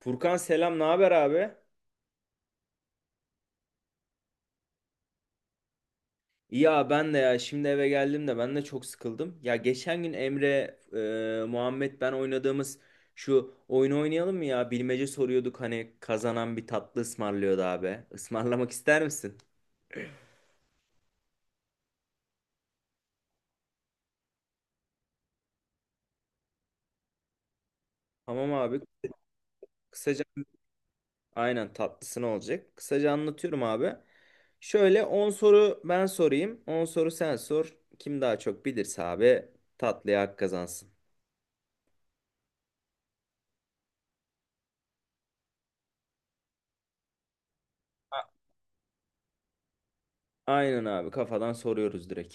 Furkan, selam. Ne haber abi? Ya ben de, ya şimdi eve geldim de ben de çok sıkıldım. Ya geçen gün Emre, Muhammed, ben oynadığımız şu oyunu oynayalım mı ya? Bilmece soruyorduk, hani kazanan bir tatlı ısmarlıyordu abi. Ismarlamak ister misin? Tamam abi. Kısaca, aynen, tatlısı olacak. Kısaca anlatıyorum abi. Şöyle, 10 soru ben sorayım, 10 soru sen sor. Kim daha çok bilirse abi tatlıya hak kazansın. A- Aynen abi, kafadan soruyoruz direkt.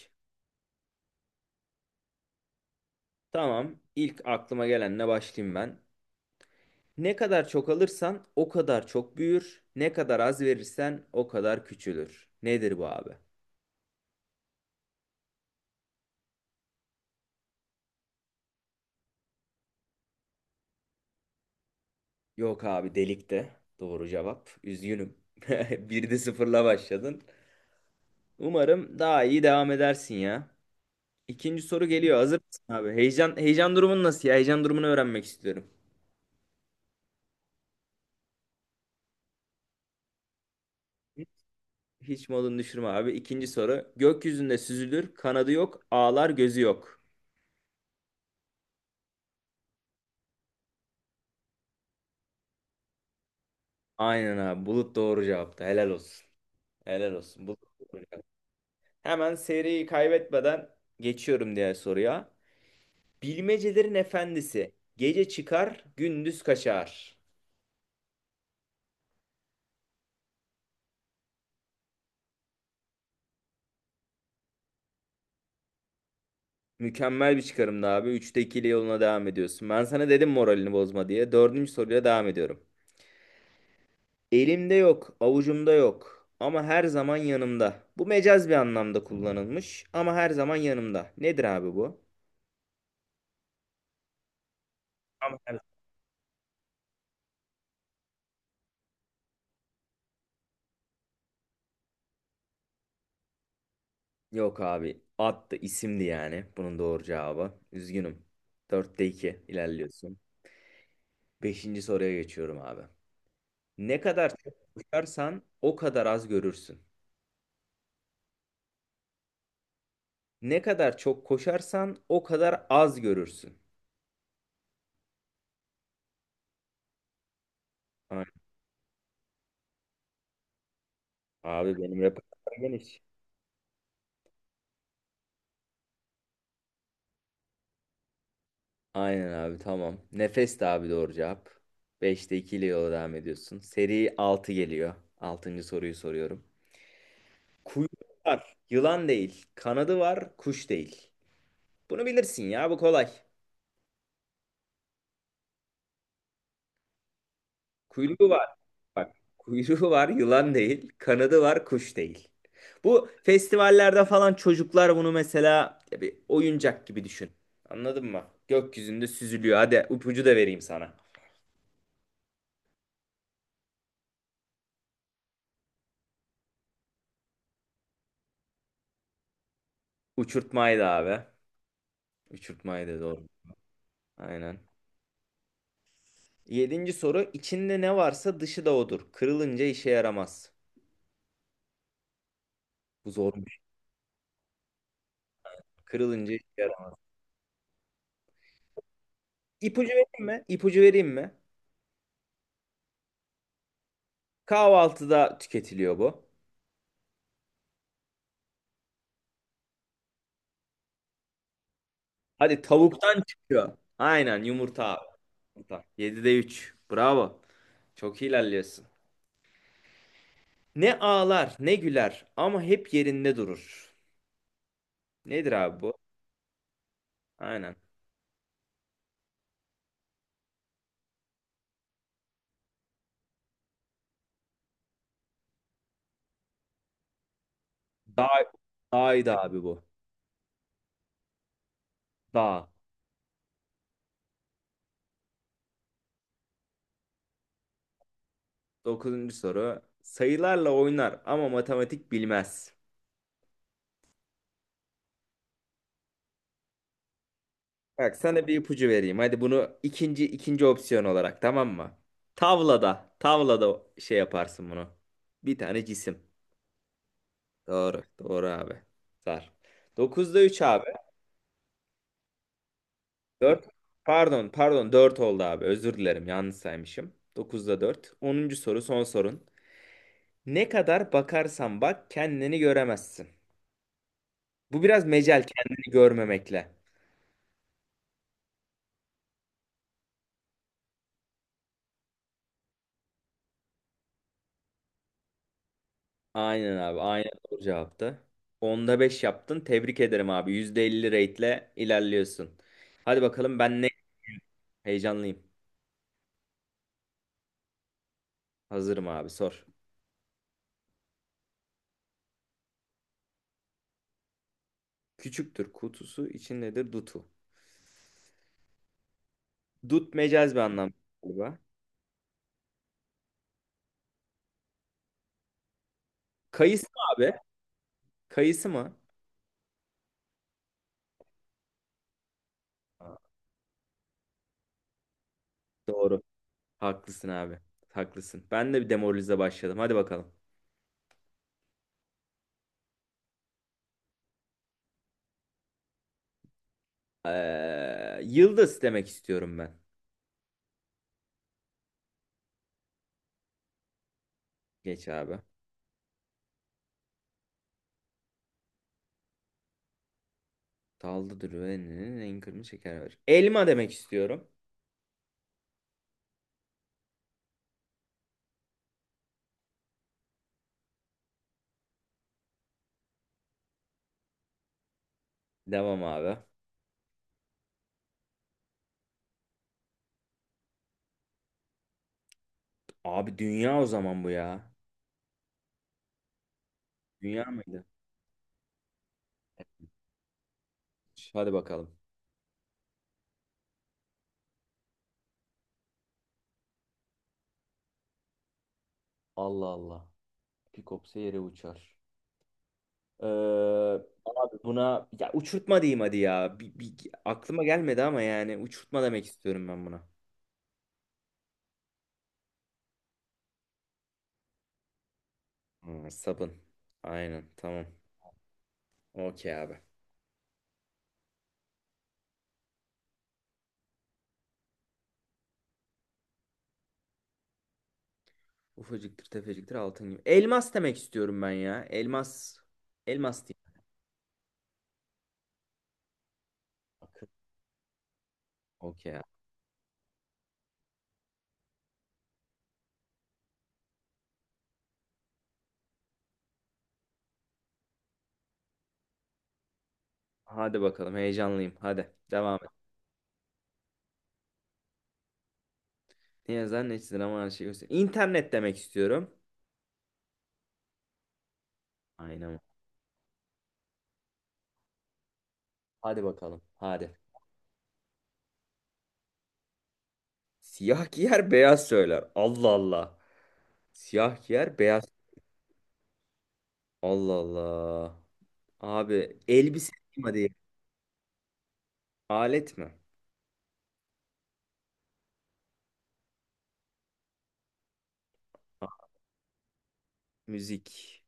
Tamam. İlk aklıma gelenle başlayayım ben. Ne kadar çok alırsan o kadar çok büyür. Ne kadar az verirsen o kadar küçülür. Nedir bu abi? Yok abi, delikte. Doğru cevap. Üzgünüm. Bir de sıfırla başladın. Umarım daha iyi devam edersin ya. İkinci soru geliyor. Hazır mısın abi? Heyecan durumun nasıl ya? Heyecan durumunu öğrenmek istiyorum. Hiç modunu düşürme abi. İkinci soru. Gökyüzünde süzülür, kanadı yok, ağlar, gözü yok. Aynen abi. Bulut doğru cevaptı. Helal olsun. Helal olsun. Bu, hemen seriyi kaybetmeden geçiyorum diğer soruya. Bilmecelerin efendisi. Gece çıkar, gündüz kaçar. Mükemmel bir çıkarımdı abi. Üçte ikili yoluna devam ediyorsun. Ben sana dedim moralini bozma diye. Dördüncü soruyla devam ediyorum. Elimde yok, avucumda yok ama her zaman yanımda. Bu mecaz bir anlamda kullanılmış. Ama her zaman yanımda. Nedir abi bu? Ama Yok abi. Attı isimdi yani bunun doğru cevabı. Üzgünüm. Dörtte 2 ilerliyorsun. Beşinci soruya geçiyorum abi. Ne kadar çok koşarsan o kadar az görürsün. Ne kadar çok koşarsan o kadar az görürsün. Aynen. Abi benim repertuar geniş. Aynen abi, tamam. Nefes de abi, doğru cevap. Beşte 2 ile yola devam ediyorsun. Seri 6 geliyor. Altıncı soruyu soruyorum. Kuyruğu var, yılan değil. Kanadı var, kuş değil. Bunu bilirsin ya, bu kolay. Kuyruğu var. Bak, kuyruğu var, yılan değil. Kanadı var, kuş değil. Bu festivallerde falan çocuklar bunu, mesela ya, bir oyuncak gibi düşün. Anladın mı? Gökyüzünde süzülüyor. Hadi ipucu da vereyim sana. Uçurtmaydı abi. Uçurtmaydı, doğru. Aynen. Yedinci soru. İçinde ne varsa dışı da odur. Kırılınca işe yaramaz. Bu zormuş. Kırılınca işe yaramaz. İpucu vereyim mi? İpucu vereyim mi? Kahvaltıda tüketiliyor bu. Hadi, tavuktan çıkıyor. Aynen, yumurta abi. Hata. 7'de üç. Bravo. Çok iyi ilerliyorsun. Ne ağlar ne güler ama hep yerinde durur. Nedir abi bu? Aynen. Dağ, dağydı abi bu. Dağ. Dokuzuncu soru. Sayılarla oynar ama matematik bilmez. Bak, sana bir ipucu vereyim. Hadi bunu ikinci opsiyon olarak, tamam mı? Tavlada. Tavlada şey yaparsın bunu. Bir tane cisim. Doğru. Doğru abi. Sar. 9'da 3 abi. 4, Pardon, pardon, 4 oldu abi. Özür dilerim. Yanlış saymışım. Dokuzda 4. Onuncu soru, son sorun. Ne kadar bakarsan bak, kendini göremezsin. Bu biraz mecel kendini görmemekle. Aynen abi. Aynen, doğru cevaptı. Onda 5 yaptın. Tebrik ederim abi. %50 rate'le ilerliyorsun. Hadi bakalım, ben ne heyecanlıyım. Hazırım abi, sor. Küçüktür kutusu, içindedir dutu. Dut mecaz bir anlam galiba. Kayısı mı abi? Kayısı mı? Aa, Doğru. Haklısın abi. Haklısın. Ben de bir demoralize başladım. Hadi bakalım. Yıldız demek istiyorum ben. Geç abi. Dalda duruyor. En kırmızı şeker var. Elma demek istiyorum. Devam abi. Abi dünya o zaman bu ya. Dünya mıydı? Hadi bakalım. Allah Allah. Bir kopsa yere uçar. Ee, abi buna ya uçurtma diyeyim hadi ya. Aklıma gelmedi ama yani uçurtma demek istiyorum ben buna. Hmm, sabun. Aynen, tamam. Okey abi. Ufacıktır, tefeciktir, altın gibi. Elmas demek istiyorum ben ya. Elmas. Elmas diyeyim. Akın. Okey ya. Hadi bakalım, heyecanlıyım. Hadi devam et. Ne yazar ne çizilir ama her şeyi göster. İnternet demek istiyorum. Aynen. Hadi bakalım. Hadi. Siyah giyer, beyaz söyler. Allah Allah. Siyah giyer, beyaz. Allah Allah. Abi elbise diyeyim hadi. Alet mi? Ha, müzik.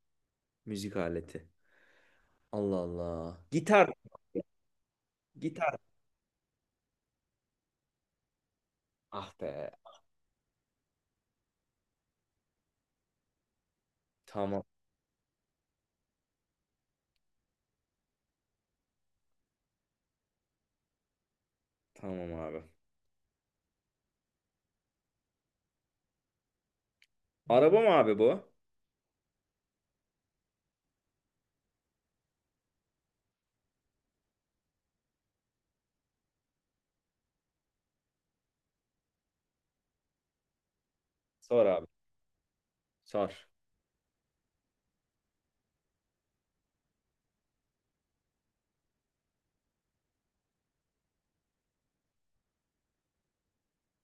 Müzik aleti. Allah Allah. Gitar. Gitar. Ah be. Tamam. Tamam abi. Araba mı abi bu? Sor abi. Sor.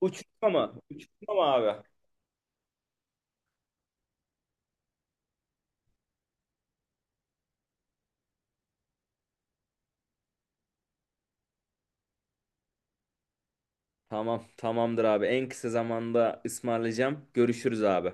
Uçurtma mı? Uçurtma mı abi? Tamam, tamamdır abi. En kısa zamanda ısmarlayacağım. Görüşürüz abi.